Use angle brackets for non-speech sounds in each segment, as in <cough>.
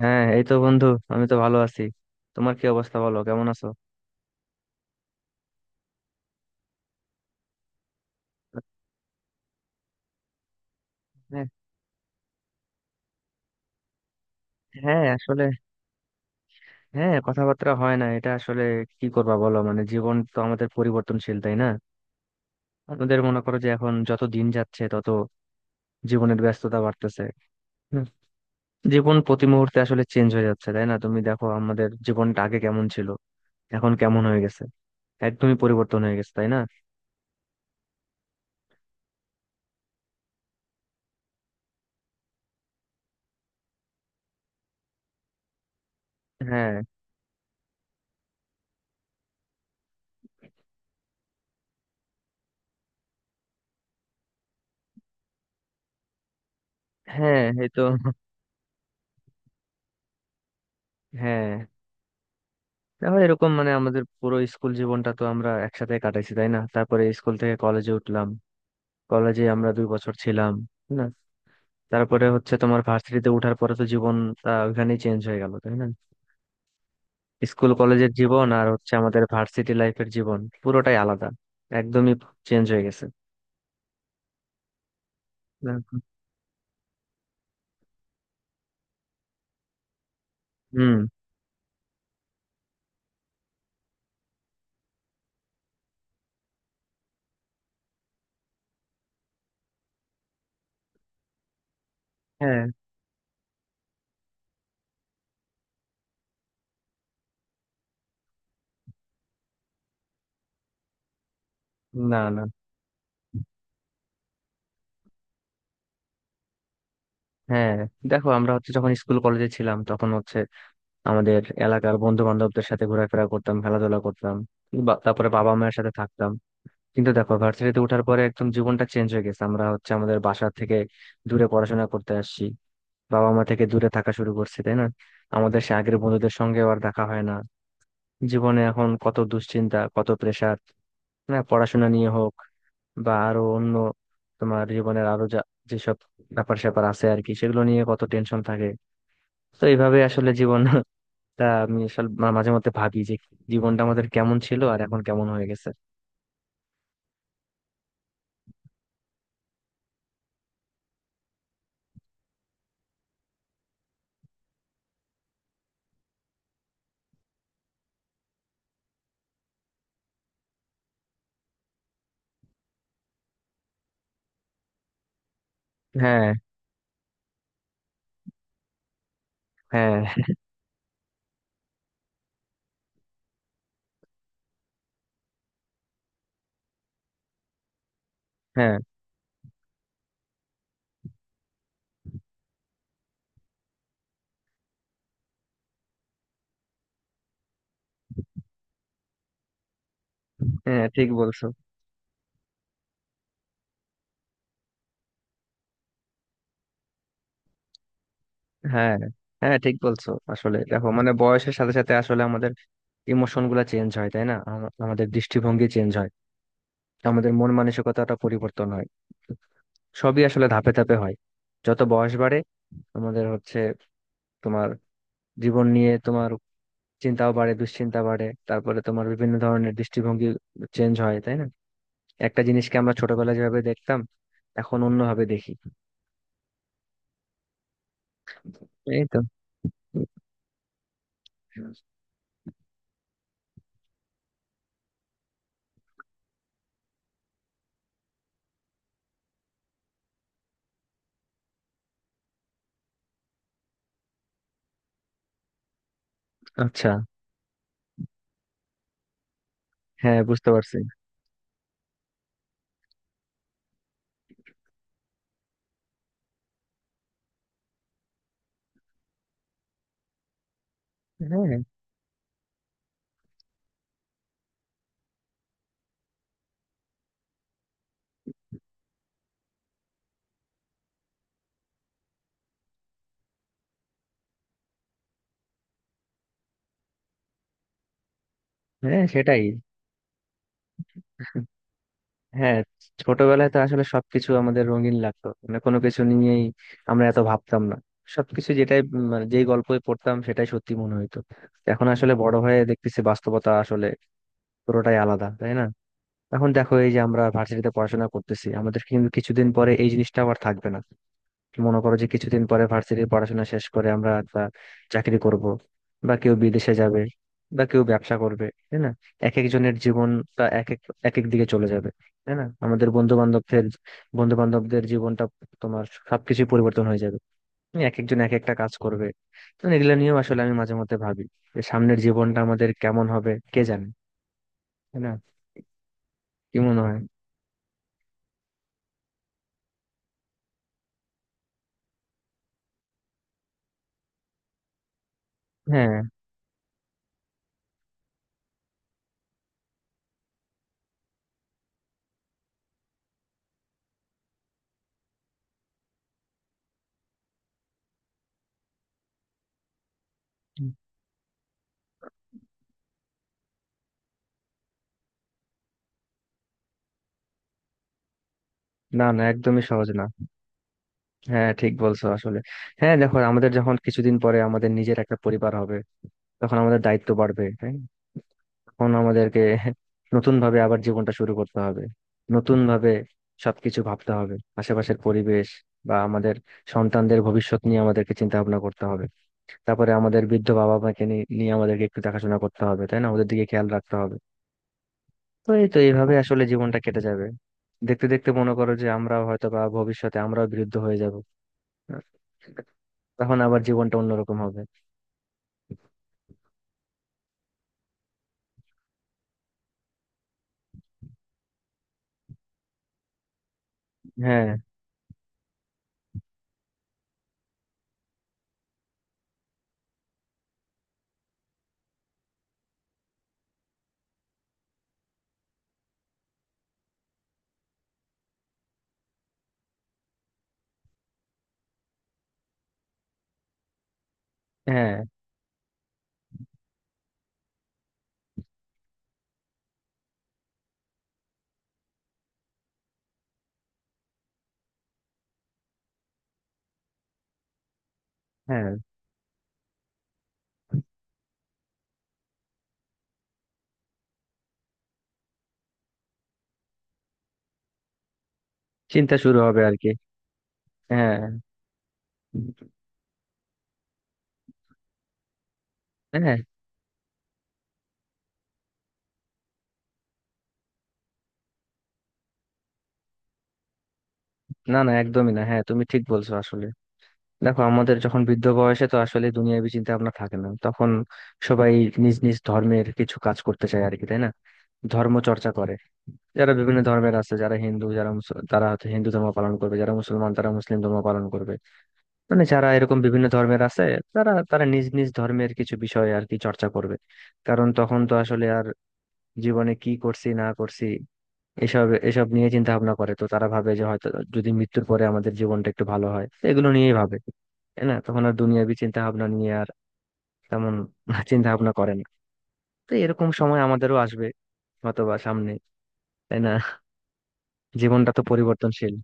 হ্যাঁ, এই তো বন্ধু। আমি তো ভালো আছি। তোমার কি অবস্থা, বলো কেমন আছো? হ্যাঁ, হ্যাঁ, আসলে হ্যাঁ, কথাবার্তা হয় না, এটা আসলে কি করবা বলো। মানে জীবন তো আমাদের পরিবর্তনশীল, তাই না? আমাদের মনে করো যে এখন যত দিন যাচ্ছে তত জীবনের ব্যস্ততা বাড়তেছে। হুম। জীবন প্রতি মুহূর্তে আসলে চেঞ্জ হয়ে যাচ্ছে, তাই না? তুমি দেখো আমাদের জীবনটা আগে কেমন ছিল, এখন কেমন হয়ে গেছে। একদমই পরিবর্তন হয়ে গেছে, তাই না? হ্যাঁ, হ্যাঁ এই তো। হ্যাঁ, তাহলে এরকম, মানে আমাদের পুরো স্কুল জীবনটা তো আমরা একসাথে কাটাইছি, তাই না? তারপরে স্কুল থেকে কলেজে উঠলাম। কলেজে আমরা দুই বছর ছিলাম, তাই না? তারপরে হচ্ছে তোমার ভার্সিটিতে ওঠার পরে তো জীবন ওইখানেই চেঞ্জ হয়ে গেল, তাই না? স্কুল কলেজের জীবন আর হচ্ছে আমাদের ভার্সিটি লাইফের জীবন পুরোটাই আলাদা। একদমই চেঞ্জ হয়ে গেছে না? হুম। হ্যাঁ। না না, হ্যাঁ দেখো, আমরা হচ্ছে যখন স্কুল কলেজে ছিলাম তখন হচ্ছে আমাদের এলাকার বন্ধু বান্ধবদের সাথে ঘোরাফেরা করতাম, খেলাধুলা করতাম। তারপরে বাবা মায়ের সাথে থাকতাম। কিন্তু দেখো, ভার্সিটিতে ওঠার পরে একদম জীবনটা চেঞ্জ হয়ে গেছে। আমরা হচ্ছে আমাদের বাসা থেকে দূরে পড়াশোনা করতে আসছি, বাবা মা থেকে দূরে থাকা শুরু করছি, তাই না? আমাদের সে আগের বন্ধুদের সঙ্গে আর দেখা হয় না। জীবনে এখন কত দুশ্চিন্তা, কত প্রেশার, না পড়াশোনা নিয়ে হোক বা আরো অন্য তোমার জীবনের আরো যা যেসব ব্যাপার স্যাপার আছে আর কি, সেগুলো নিয়ে কত টেনশন থাকে। তো এইভাবে আসলে জীবন। তা আমি আসলে মাঝে মধ্যে ভাবি যে জীবনটা আমাদের কেমন ছিল আর এখন কেমন হয়ে গেছে। হ্যাঁ, হ্যাঁ। হ্যাঁ, হ্যাঁ ঠিক বলছো। হ্যাঁ, হ্যাঁ ঠিক বলছো আসলে। দেখো, মানে বয়সের সাথে সাথে আসলে আমাদের ইমোশন গুলা চেঞ্জ হয়, তাই না? আমাদের দৃষ্টিভঙ্গি চেঞ্জ হয়, আমাদের মন মানসিকতাটা পরিবর্তন হয়। সবই আসলে ধাপে ধাপে হয়। যত বয়স বাড়ে আমাদের হচ্ছে তোমার জীবন নিয়ে তোমার চিন্তাও বাড়ে, দুশ্চিন্তা বাড়ে। তারপরে তোমার বিভিন্ন ধরনের দৃষ্টিভঙ্গি চেঞ্জ হয়, তাই না? একটা জিনিসকে আমরা ছোটবেলায় যেভাবে দেখতাম এখন অন্যভাবে দেখি। এই তো। আচ্ছা, হ্যাঁ বুঝতে পারছি। হ্যাঁ, হ্যাঁ সেটাই। হ্যাঁ, ছোটবেলায় তো আসলে সবকিছু আমাদের রঙিন লাগতো, মানে কোনো কিছু নিয়েই আমরা এত ভাবতাম না। সবকিছু যেটাই মানে যেই গল্পই পড়তাম সেটাই সত্যি মনে হইতো। এখন আসলে বড় হয়ে দেখতেছি বাস্তবতা আসলে পুরোটাই আলাদা, তাই না? এখন দেখো, এই যে আমরা ভার্সিটিতে পড়াশোনা করতেছি, আমাদের কিন্তু কিছুদিন পরে এই জিনিসটা আবার থাকবে না। মনে করো যে কিছুদিন পরে ভার্সিটির পড়াশোনা শেষ করে আমরা একটা চাকরি করব, বা কেউ বিদেশে যাবে, বা কেউ ব্যবসা করবে, তাই না? এক একজনের জীবনটা এক এক এক এক দিকে চলে যাবে, তাই না? আমাদের বন্ধু বান্ধবদের বন্ধু বান্ধবদের জীবনটা, তোমার সবকিছু পরিবর্তন হয়ে যাবে। তুমি এক একজন এক একটা কাজ করবে। তো এগুলো নিয়েও আসলে আমি মাঝে মধ্যে ভাবি যে সামনের জীবনটা আমাদের কেমন হবে কে জানে, তাই না? কি মনে হয়? হ্যাঁ, না না একদমই সহজ না। হ্যাঁ ঠিক বলছো আসলে। হ্যাঁ, দেখো আমাদের যখন কিছুদিন পরে আমাদের নিজের একটা পরিবার হবে, তখন আমাদের দায়িত্ব বাড়বে। হ্যাঁ, তখন আমাদেরকে নতুন ভাবে আবার জীবনটা শুরু করতে হবে, নতুন ভাবে সবকিছু ভাবতে হবে। আশেপাশের পরিবেশ বা আমাদের সন্তানদের ভবিষ্যৎ নিয়ে আমাদেরকে চিন্তা ভাবনা করতে হবে। তারপরে আমাদের বৃদ্ধ বাবা মাকে নিয়ে আমাদেরকে একটু দেখাশোনা করতে হবে, তাই না? ওদের দিকে খেয়াল রাখতে হবে। তো এই তো, এইভাবে আসলে জীবনটা কেটে যাবে। দেখতে দেখতে মনে করো যে আমরাও হয়তো বা ভবিষ্যতে আমরাও বৃদ্ধ হয়ে যাব। তখন আবার জীবনটা অন্যরকম হবে। হ্যাঁ, হ্যাঁ। হ্যাঁ, চিন্তা শুরু হবে আর কি। হ্যাঁ, হ্যাঁ। না না একদমই না। হ্যাঁ, তুমি ঠিক বলছো আসলে। দেখো আমাদের যখন বৃদ্ধ বয়সে তো আসলে দুনিয়াবি চিন্তা ভাবনা থাকে না তখন। সবাই নিজ নিজ ধর্মের কিছু কাজ করতে চায় আর কি, তাই না? ধর্ম চর্চা করে। যারা বিভিন্ন ধর্মের আছে, যারা হিন্দু, যারা তারা হয়তো হিন্দু ধর্ম পালন করবে, যারা মুসলমান তারা মুসলিম ধর্ম পালন করবে। মানে যারা এরকম বিভিন্ন ধর্মের আছে, তারা তারা নিজ নিজ ধর্মের কিছু বিষয় আর কি চর্চা করবে। কারণ তখন তো আসলে আর জীবনে কি করছি না করছি এসব এসব নিয়ে চিন্তা ভাবনা করে, তো তারা ভাবে যে হয়তো যদি মৃত্যুর পরে আমাদের জীবনটা একটু ভালো হয়, তো এগুলো নিয়েই ভাবে, তাই না? তখন আর দুনিয়াবি চিন্তা ভাবনা নিয়ে আর তেমন <laughs> চিন্তা ভাবনা করে না। তো এরকম সময় আমাদেরও আসবে, অথবা সামনে, তাই না? জীবনটা তো পরিবর্তনশীল।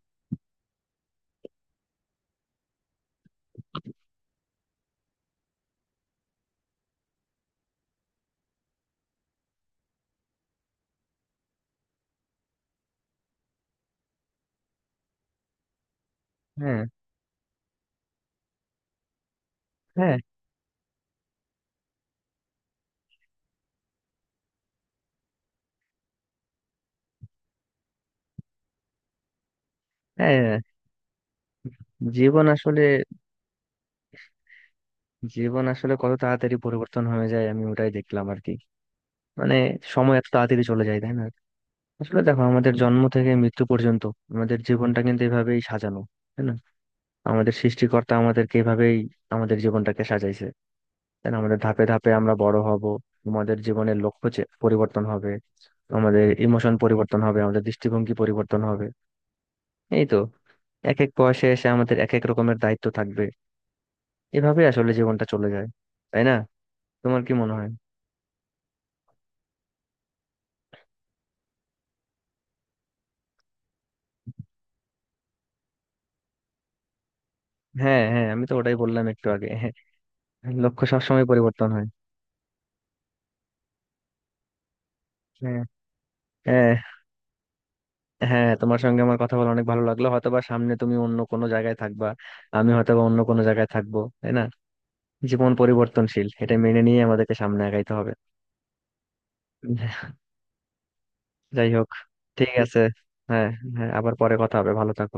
হ্যাঁ, হ্যাঁ। হ্যাঁ, জীবন আসলে জীবন আসলে কত তাড়াতাড়ি পরিবর্তন হয়ে যায় আমি ওটাই দেখলাম আর কি। মানে সময় এত তাড়াতাড়ি চলে যায়, তাই না? আসলে দেখো আমাদের জন্ম থেকে মৃত্যু পর্যন্ত আমাদের জীবনটা কিন্তু এভাবেই সাজানো, তাই না? আমাদের সৃষ্টিকর্তা আমাদেরকে এভাবেই আমাদের জীবনটাকে সাজাইছে, তাই না? আমাদের ধাপে ধাপে আমরা বড় হব, আমাদের জীবনের লক্ষ্য পরিবর্তন হবে, আমাদের ইমোশন পরিবর্তন হবে, আমাদের দৃষ্টিভঙ্গি পরিবর্তন হবে। এই তো। এক এক বয়সে এসে আমাদের এক এক রকমের দায়িত্ব থাকবে। এভাবে আসলে জীবনটা চলে যায়, তাই না? তোমার কি মনে হয়? হ্যাঁ, হ্যাঁ আমি তো ওটাই বললাম একটু আগে। হ্যাঁ, লক্ষ্য সবসময় পরিবর্তন হয়। হ্যাঁ। হ্যাঁ, হ্যাঁ তোমার সঙ্গে আমার কথা বলে অনেক ভালো লাগলো। হয়তোবা সামনে তুমি অন্য কোনো জায়গায় থাকবা, আমি হয়তোবা অন্য কোনো জায়গায় থাকবো, তাই না? জীবন পরিবর্তনশীল, এটা মেনে নিয়ে আমাদেরকে সামনে আগাইতে হবে। যাই হোক, ঠিক আছে। হ্যাঁ, হ্যাঁ আবার পরে কথা হবে। ভালো থাকো।